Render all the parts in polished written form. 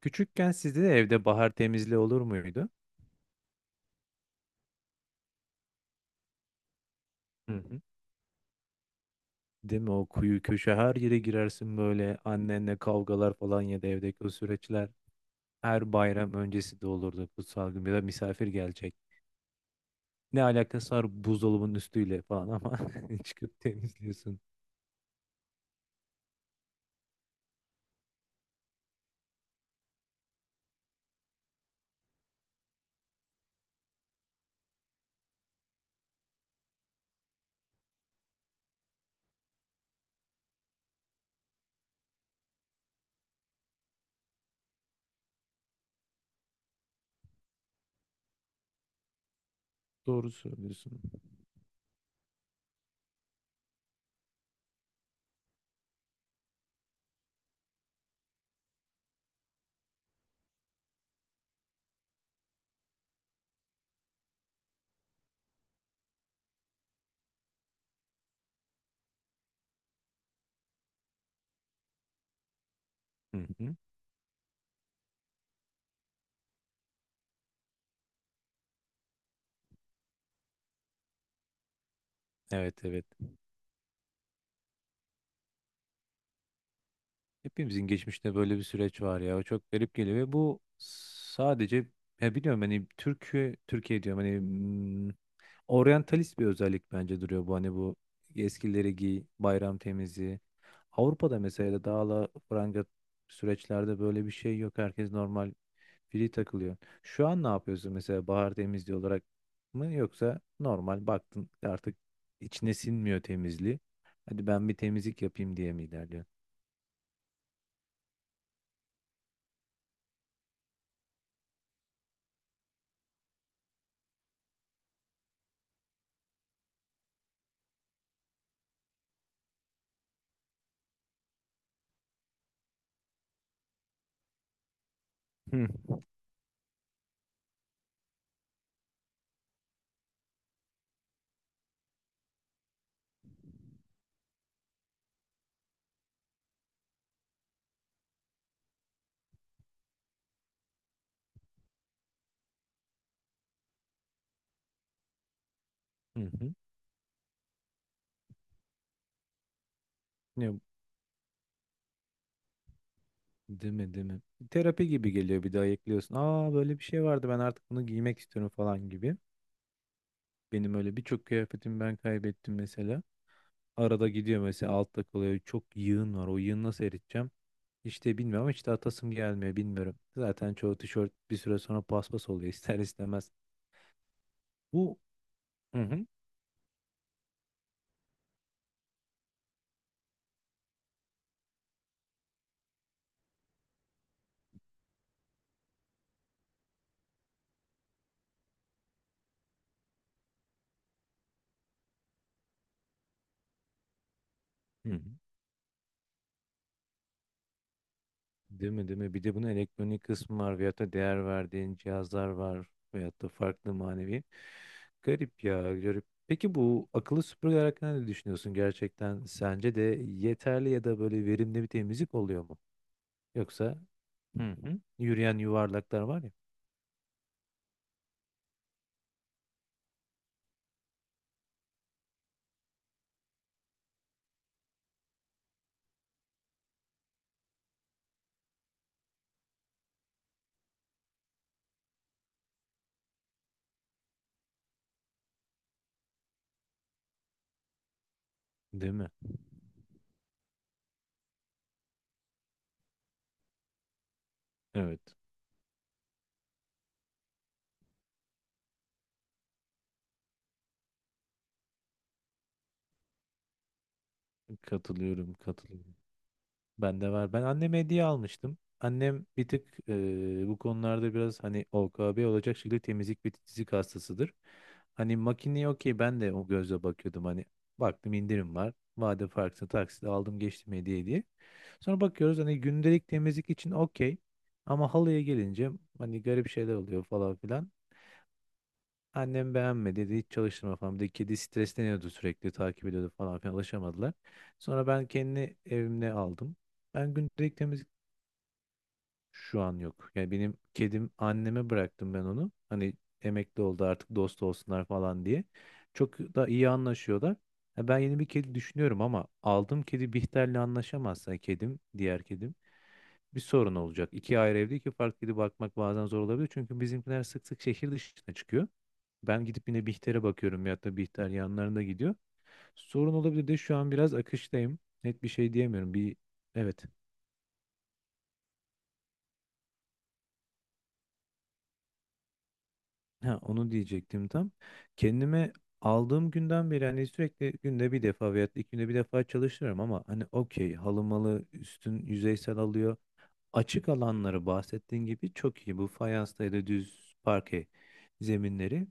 Küçükken sizde de evde bahar temizliği olur muydu? Hı hı. Değil mi? O kuyu köşe her yere girersin böyle annenle kavgalar falan ya da evdeki o süreçler her bayram öncesi de olurdu, kutsal gün ya da misafir gelecek. Ne alakası var buzdolabının üstüyle falan ama çıkıp temizliyorsun. Doğru söylüyorsun. Hı hı. Evet evet. Hepimizin geçmişte böyle bir süreç var ya. O çok garip geliyor ve bu sadece ya, biliyorum, hani Türkiye Türkiye diyorum, hani oryantalist bir özellik bence duruyor bu, hani bu eskileri giy, bayram temizliği. Avrupa'da mesela dağla la süreçlerde böyle bir şey yok. Herkes normal free takılıyor. Şu an ne yapıyorsun mesela, bahar temizliği olarak mı yoksa normal baktın artık içine sinmiyor temizliği, hadi ben bir temizlik yapayım diye mi ilerliyorsun? Hı hı. Hı. Ne, değil mi, değil mi? Terapi gibi geliyor, bir daha ekliyorsun. Aa, böyle bir şey vardı, ben artık bunu giymek istiyorum falan gibi. Benim öyle birçok kıyafetimi ben kaybettim mesela. Arada gidiyor mesela, altta kalıyor. Çok yığın var. O yığını nasıl eriteceğim? İşte bilmiyorum ama işte atasım gelmiyor, bilmiyorum. Zaten çoğu tişört bir süre sonra paspas oluyor ister istemez. Bu hı hı. Hı hı. Değil mi, değil mi? Bir de bunun elektronik kısmı var, veyahut da değer verdiğin cihazlar var veyahut da farklı manevi. Garip ya, garip. Peki, bu akıllı süpürgeler hakkında ne düşünüyorsun gerçekten? Sence de yeterli ya da böyle verimli bir temizlik oluyor mu? Yoksa hı hı. Yürüyen yuvarlaklar var ya. Değil mi? Evet. Katılıyorum, katılıyorum. Ben de var. Ben anneme hediye almıştım. Annem bir tık bu konularda biraz hani OKB olacak şekilde temizlik ve titizlik hastasıdır. Hani makineye okey, ben de o gözle bakıyordum, hani baktım indirim var. Vade farkını taksit aldım, geçtim hediye diye. Sonra bakıyoruz, hani gündelik temizlik için okey. Ama halıya gelince hani garip şeyler oluyor falan filan. Annem beğenmedi, dedi hiç çalıştırma falan. Bir de kedi stresleniyordu, sürekli takip ediyordu falan filan, alışamadılar. Sonra ben kendi evimde aldım. Ben gündelik temizlik şu an yok. Yani benim kedim, anneme bıraktım ben onu. Hani emekli oldu artık, dost olsunlar falan diye. Çok da iyi anlaşıyorlar. Ya ben yeni bir kedi düşünüyorum ama aldığım kedi Bihter'le anlaşamazsa, kedim, diğer kedim, bir sorun olacak. İki ayrı evde iki farklı kedi bakmak bazen zor olabilir. Çünkü bizimkiler sık sık şehir dışına çıkıyor. Ben gidip yine Bihter'e bakıyorum ya da Bihter yanlarında gidiyor. Sorun olabilir de şu an biraz akıştayım. Net bir şey diyemiyorum. Bir evet. Ha, onu diyecektim tam. Kendime aldığım günden beri hani sürekli günde bir defa veya iki günde bir defa çalışıyorum ama hani okey, halımalı üstün yüzeysel alıyor. Açık alanları, bahsettiğin gibi, çok iyi. Bu fayanstaydı, düz parke zeminleri.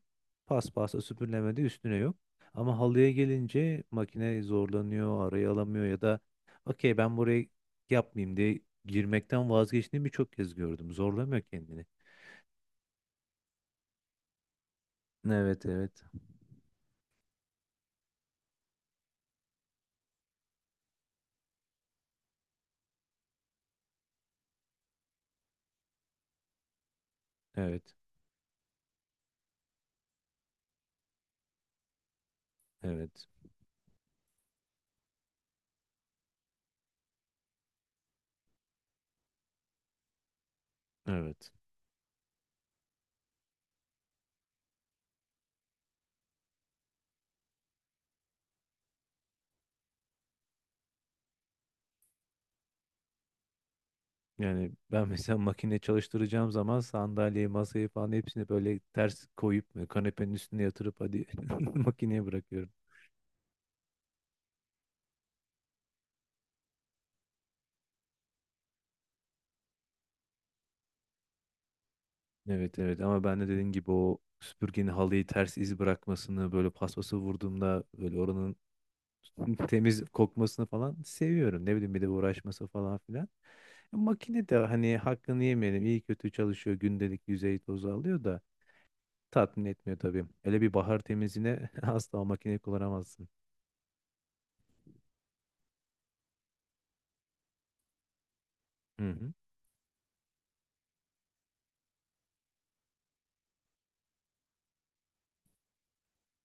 Paspasla süpürlemede üstüne yok. Ama halıya gelince makine zorlanıyor, arayı alamıyor ya da okey ben burayı yapmayayım diye girmekten vazgeçtiğini birçok kez gördüm. Zorlamıyor kendini. Evet evet. Evet, evet, evet. Yani ben mesela makine çalıştıracağım zaman sandalyeyi, masayı falan hepsini böyle ters koyup kanepenin üstüne yatırıp hadi makineye bırakıyorum. Evet evet, ama ben de dediğin gibi o süpürgenin halıyı ters iz bırakmasını, böyle paspası vurduğumda böyle oranın temiz kokmasını falan seviyorum. Ne bileyim, bir de uğraşması falan filan. E, makine de hani hakkını yemeyelim, iyi kötü çalışıyor, gündelik yüzey tozu alıyor da tatmin etmiyor tabii. Öyle bir bahar temizliğine asla o makineyi kullanamazsın. Hı hı.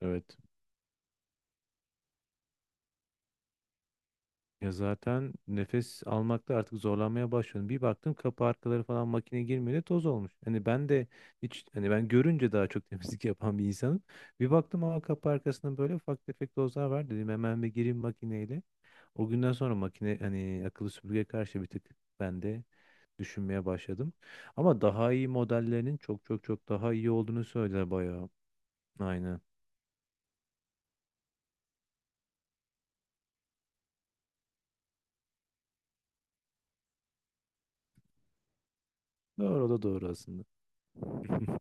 Evet. Ya zaten nefes almakta artık zorlanmaya başladım. Bir baktım kapı arkaları falan makine girmedi, toz olmuş. Hani ben de hiç hani ben görünce daha çok temizlik yapan bir insanım. Bir baktım ama kapı arkasında böyle ufak tefek tozlar var, dedim hemen bir gireyim makineyle. O günden sonra makine, hani akıllı süpürgeye karşı, bir tık ben de düşünmeye başladım. Ama daha iyi modellerinin çok çok çok daha iyi olduğunu söylediler bayağı. Aynen. Doğru, o da doğru aslında.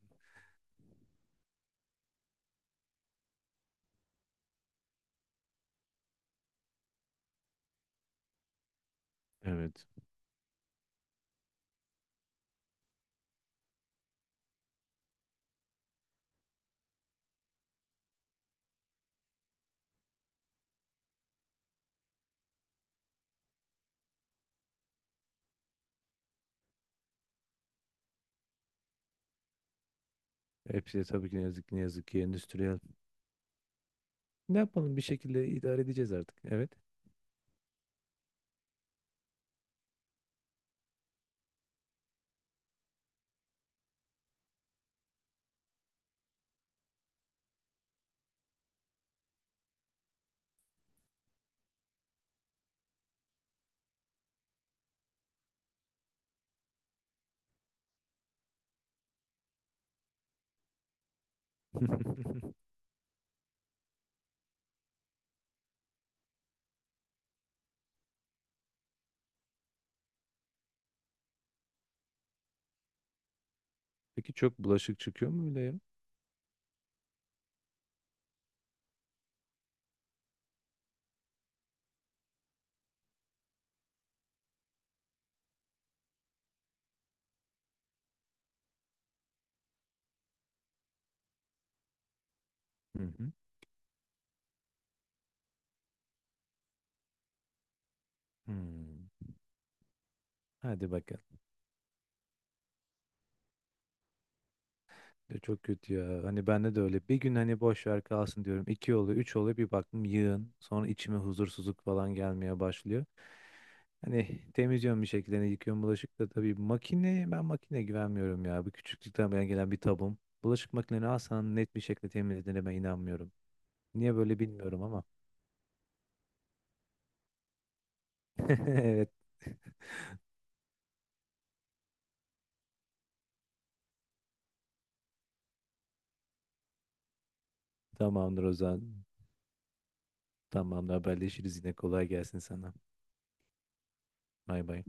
Evet. Hepsi de tabii ki ne yazık ki, ne yazık ki endüstriyel. Ne yapalım, bir şekilde idare edeceğiz artık. Evet. Peki çok bulaşık çıkıyor mu öyle ya? Hı hı. Hmm. Hadi bakalım. Ya çok kötü ya. Hani bende de öyle. Bir gün hani boş ver kalsın diyorum. İki oluyor, üç oluyor. Bir baktım yığın. Sonra içime huzursuzluk falan gelmeye başlıyor. Hani temizliyorum bir şekilde. Hani yıkıyorum bulaşık da tabii. Makine, ben makine güvenmiyorum ya. Bu küçüklükten beri gelen bir tabum. Bulaşık makineni alsan net bir şekilde temizlediğine ben inanmıyorum. Niye böyle bilmiyorum ama. Evet, tamamdır o zaman. Tamam, haberleşiriz yine, kolay gelsin sana. Bay bay.